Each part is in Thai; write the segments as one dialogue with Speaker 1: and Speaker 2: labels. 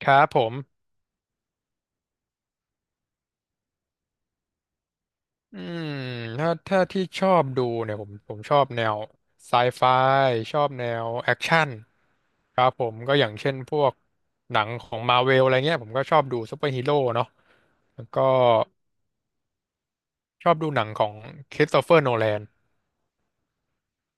Speaker 1: ครับผมอืมถ้าที่ชอบดูเนี่ยผมชอบแนวไซไฟชอบแนวแอคชั่นครับผมก็อย่างเช่นพวกหนังของมาเวลอะไรเงี้ยผมก็ชอบดูซูเปอร์ฮีโร่เนาะแล้วก็ชอบดูหนังของคริสโตเฟอร์โนแลน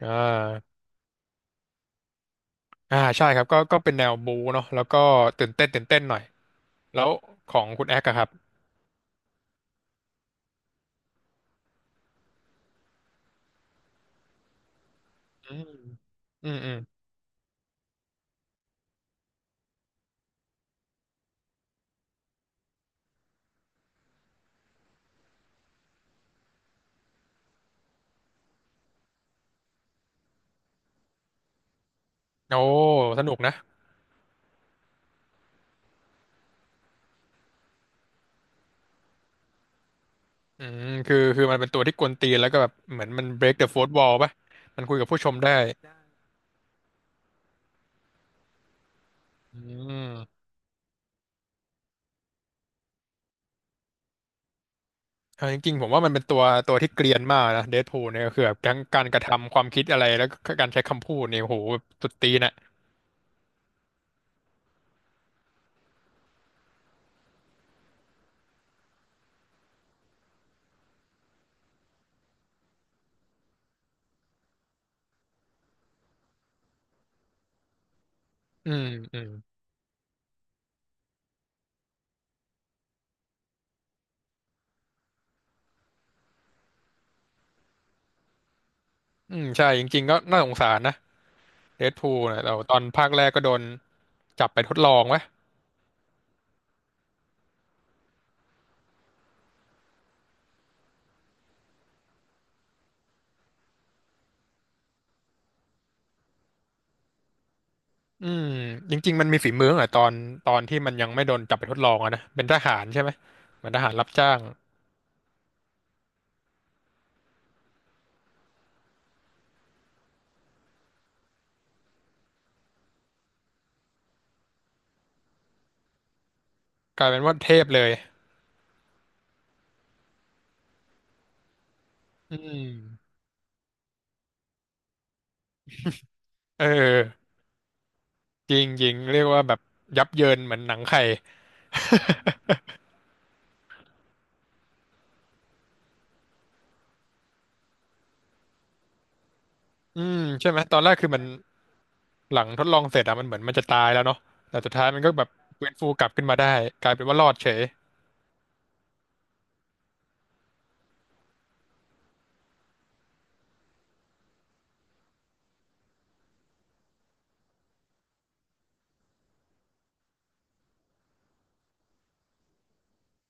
Speaker 1: อ่าอ่าใช่ครับก็เป็นแนวบูเนาะแล้วก็ตื่นเต้นหน่อยแล้วของคุณแอคอะครับอืมอืมโอ้สนุกนะ คือมันเป็นตัวที่กวนตีนแล้วก็แบบเหมือนมัน break the fourth wall ป่ะมันคุยกับผู้ชมได้อืมเอาจริงๆผมว่ามันเป็นตัวตัวที่เกรียนมากนะเดดพูลเนี่ยก็คือแบบทั้งการกระทำความคิดอะไรแล้วก็การใช้คำพูดเนี่ยโหแบบสุดตีนอ่ะอืมอืมอืมใช่จริงๆก็น่าสงสารนะเดดพูลนะแต่ว่าตอนภาคแรกก็โดนจับไปทดลองวะอืมจริงๆมันมีฝีมืออ่ะตอนที่มันยังไม่โดนจับไปทดลองอะนะเป็นทหารใช่ไหมเหมือนทหารรับจ้างกลายเป็นว่าเทพเลยอืมเออ จริงจริงเรียกว่าแบบยับเยินเหมือนหนังไข่ อืมใช่ไหมตอนแรกคือมันหลังทดลองเสร็จอะมันเหมือนมันจะตายแล้วเนาะแต่สุดท้ายมันก็แบบฟื้นฟูกลับขึ้นมาได้กลายเป็นว่ารอดเฉย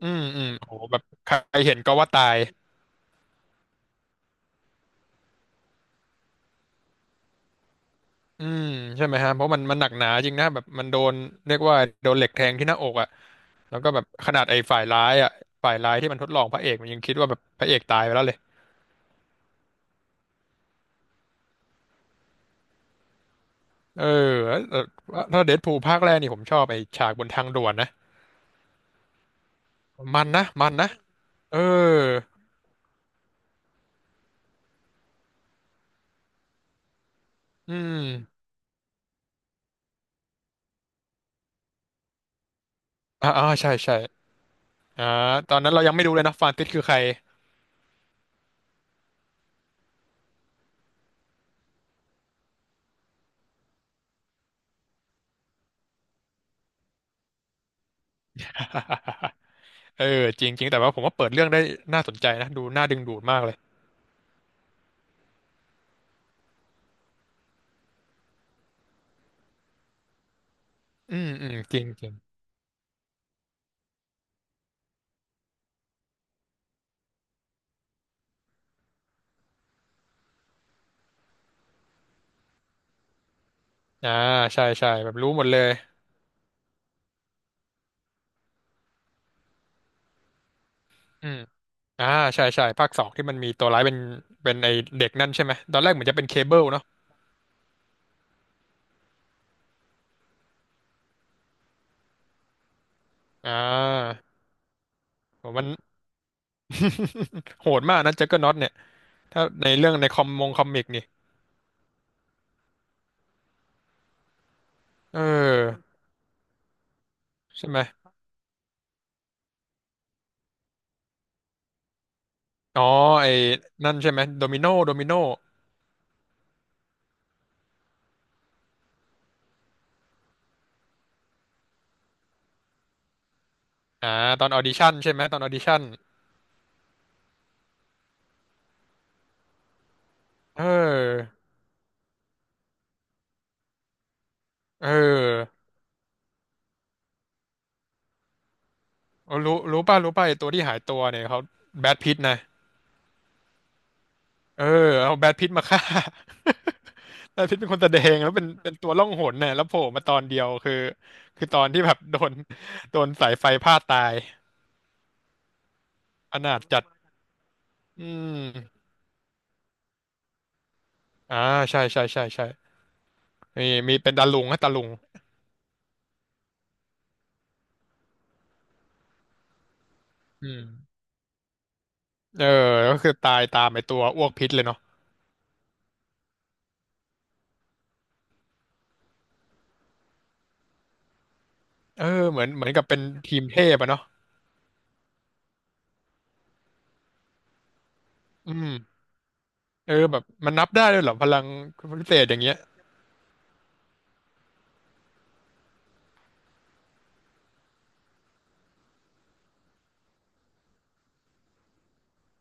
Speaker 1: อืมโอ้โหแบบใครเห็นก็ว่าตายอืมใช่ไหมฮะเพราะมันหนักหนาจริงนะแบบมันโดนเรียกว่าโดนเหล็กแทงที่หน้าอกอ่ะแล้วก็แบบขนาดไอ้ฝ่ายร้ายอ่ะฝ่ายร้ายที่มันทดลองพระเอกมันยังคิดว่าแบบพระเอกตายไปแล้วเลยเออแล้วแล้วถ้าเดดพูลภาคแรกนี่ผมชอบไอ้ฉากบนทางด่วนนะมันนะ เอออืมอ่าใช่ใช่อ่าตอนนั้นเรายังไม่รู้เลยนะ ฟานติสคือใครเออจริงจริง แต่ว่าผมว่าเปิดเรื่องได้น่าสนใจนะดูน่าดึงดูดมากเลย อืม จริงจริงอ่าใช่ใช่แบบรู้หมดเลยอืมอ่าใช่ใช่ภาคสองที่มันมีตัวร้ายเป็นเป็นไอเด็กนั่นใช่ไหม ตอนแรกเหมือนจะเป็นเคเบิลเนาะอ่าผมมัน โหดมากนะแจ็คเกอร์น็อตเนี่ยถ้าในเรื่องในคอมมงคอมิกนี่เออใช่ไหมอ๋อไอ้นั่นใช่ไหมโดมิโน อ่าตอนออดิชั่นใช่ไหมตอนออดิชั่นเออเออเออรู้ป่ะไอตัวที่หายตัวเนี่ยเขาแบทพิตนะเออเอาแบทพิตมาฆ่า แบทพิตเป็นคนแสดงแล้วเป็นเป็นตัวล่องหนน่ะแล้วโผล่มาตอนเดียวคือคือตอนที่แบบ โดนโดนสายไฟพาดตายอนาถจัดอืมอ่าใช่มีเป็นตาลุงฮะตาลุงอืมเออก็คือตายตามไอตัวอ้วกพิษเลยเนาะเออเหมือนกับเป็นทีมเทพอะเนาะอืม เออแบบมันนับได้ด้วยเหรอพลังพิเศษอย่างเงี้ย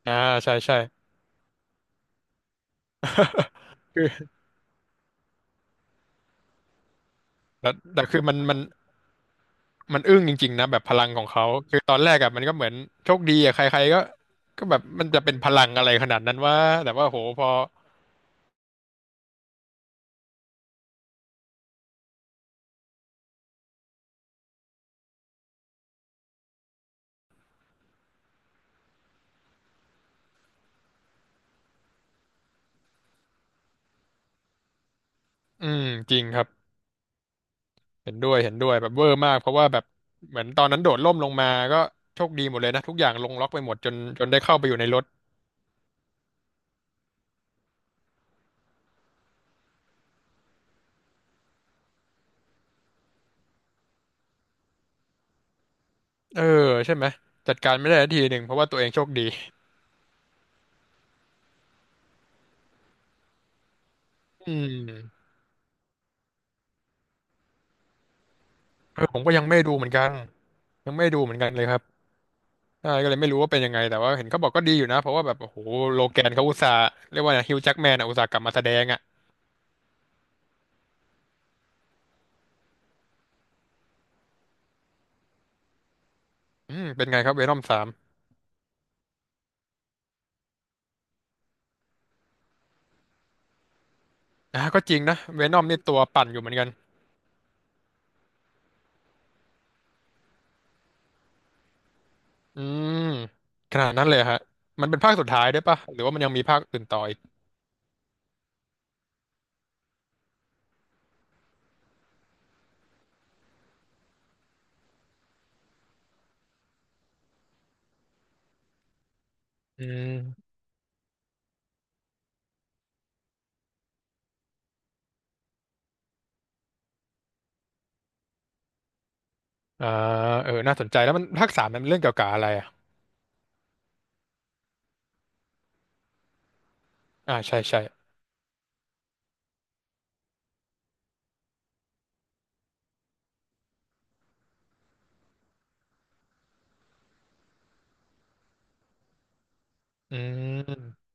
Speaker 1: อ่าใช่ใช่คือแต่แต่คือมันอึ้งจริงๆนะแบบพลังของเขาคือตอนแรกอะมันก็เหมือนโชคดีอะใครๆก็แบบมันจะเป็นพลังอะไรขนาดนั้นว่าแต่ว่าโหพออืมจริงครับเห็นด้วยแบบเวอร์มากเพราะว่าแบบเหมือนตอนนั้นโดดร่มลงมาก็โชคดีหมดเลยนะทุกอย่างลงล็อกไปหมดจนได้เข้าไปอยู่ในรถเออใช่ไหมจัดการไม่ได้สักทีหนึ่งเพราะว่าตัวเองโชคดีอืมเออผมก็ยังไม่ดูเหมือนกันยังไม่ดูเหมือนกันเลยครับ ใช่ก็เลยไม่รู้ว่าเป็นยังไงแต่ว่าเห็นเขาบอกก็ดีอยู่นะเพราะว่าแบบโอ้โหโลแกนเขาอุตส่าห์เรียกว่าฮิวแจ็คแมนอ่ะอุตส่าห์กลับมาแสดงอ่ะอืมเป็นไงครับเวนอมสามอ่ะก็จริงนะเวนอมนี่ตัวปั่นอยู่เหมือนกันอืมขนาดนั้นเลยฮะมันเป็นภาคสุดท้ายด้วยปะหรือว่ามันยังมีภาคอื่นต่ออีกอืมอ่าเออน่าสนใจแล้วมันภาคสามมันเรื่องเกี่ยวกับอะไรอ่ะอ่าใช่ใช่อืม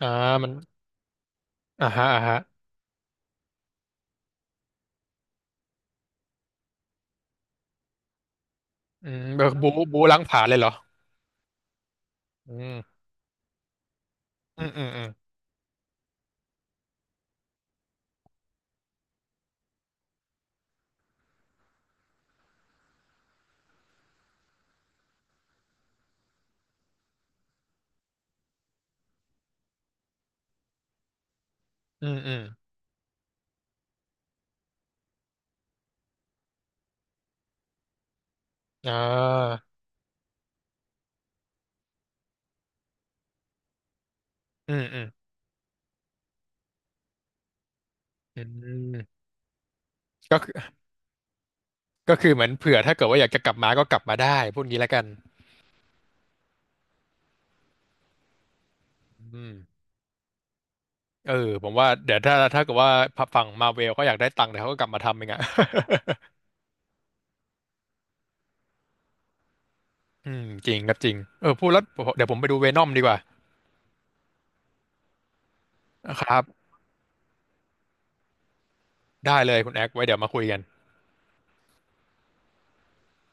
Speaker 1: อ่ามันอ่าฮะอืมเออบูล้างผลาญเลยเหรออืมอืมอืมอืมอืมอ่าอืมอืมอืม ก็คือก็คือเหมือนเผื่อถ้าเกิดว่าอยากจะกลับมาก็กลับมาได้พูดงี้แล้วกันอืมเออผมว่าเดี๋ยวถ้าเกิดว่าฝั่งมาเวลเขาอยากได้ตังค์เดี๋ยวเขาก็กลับมาทำเองอะ อืมจริงครับจริงเออพูดแล้วเดี๋ยวผมไปดูเวนอมดีกว่าครับได้เลยคุณแอคไว้เดี๋ยวมาคุยกัน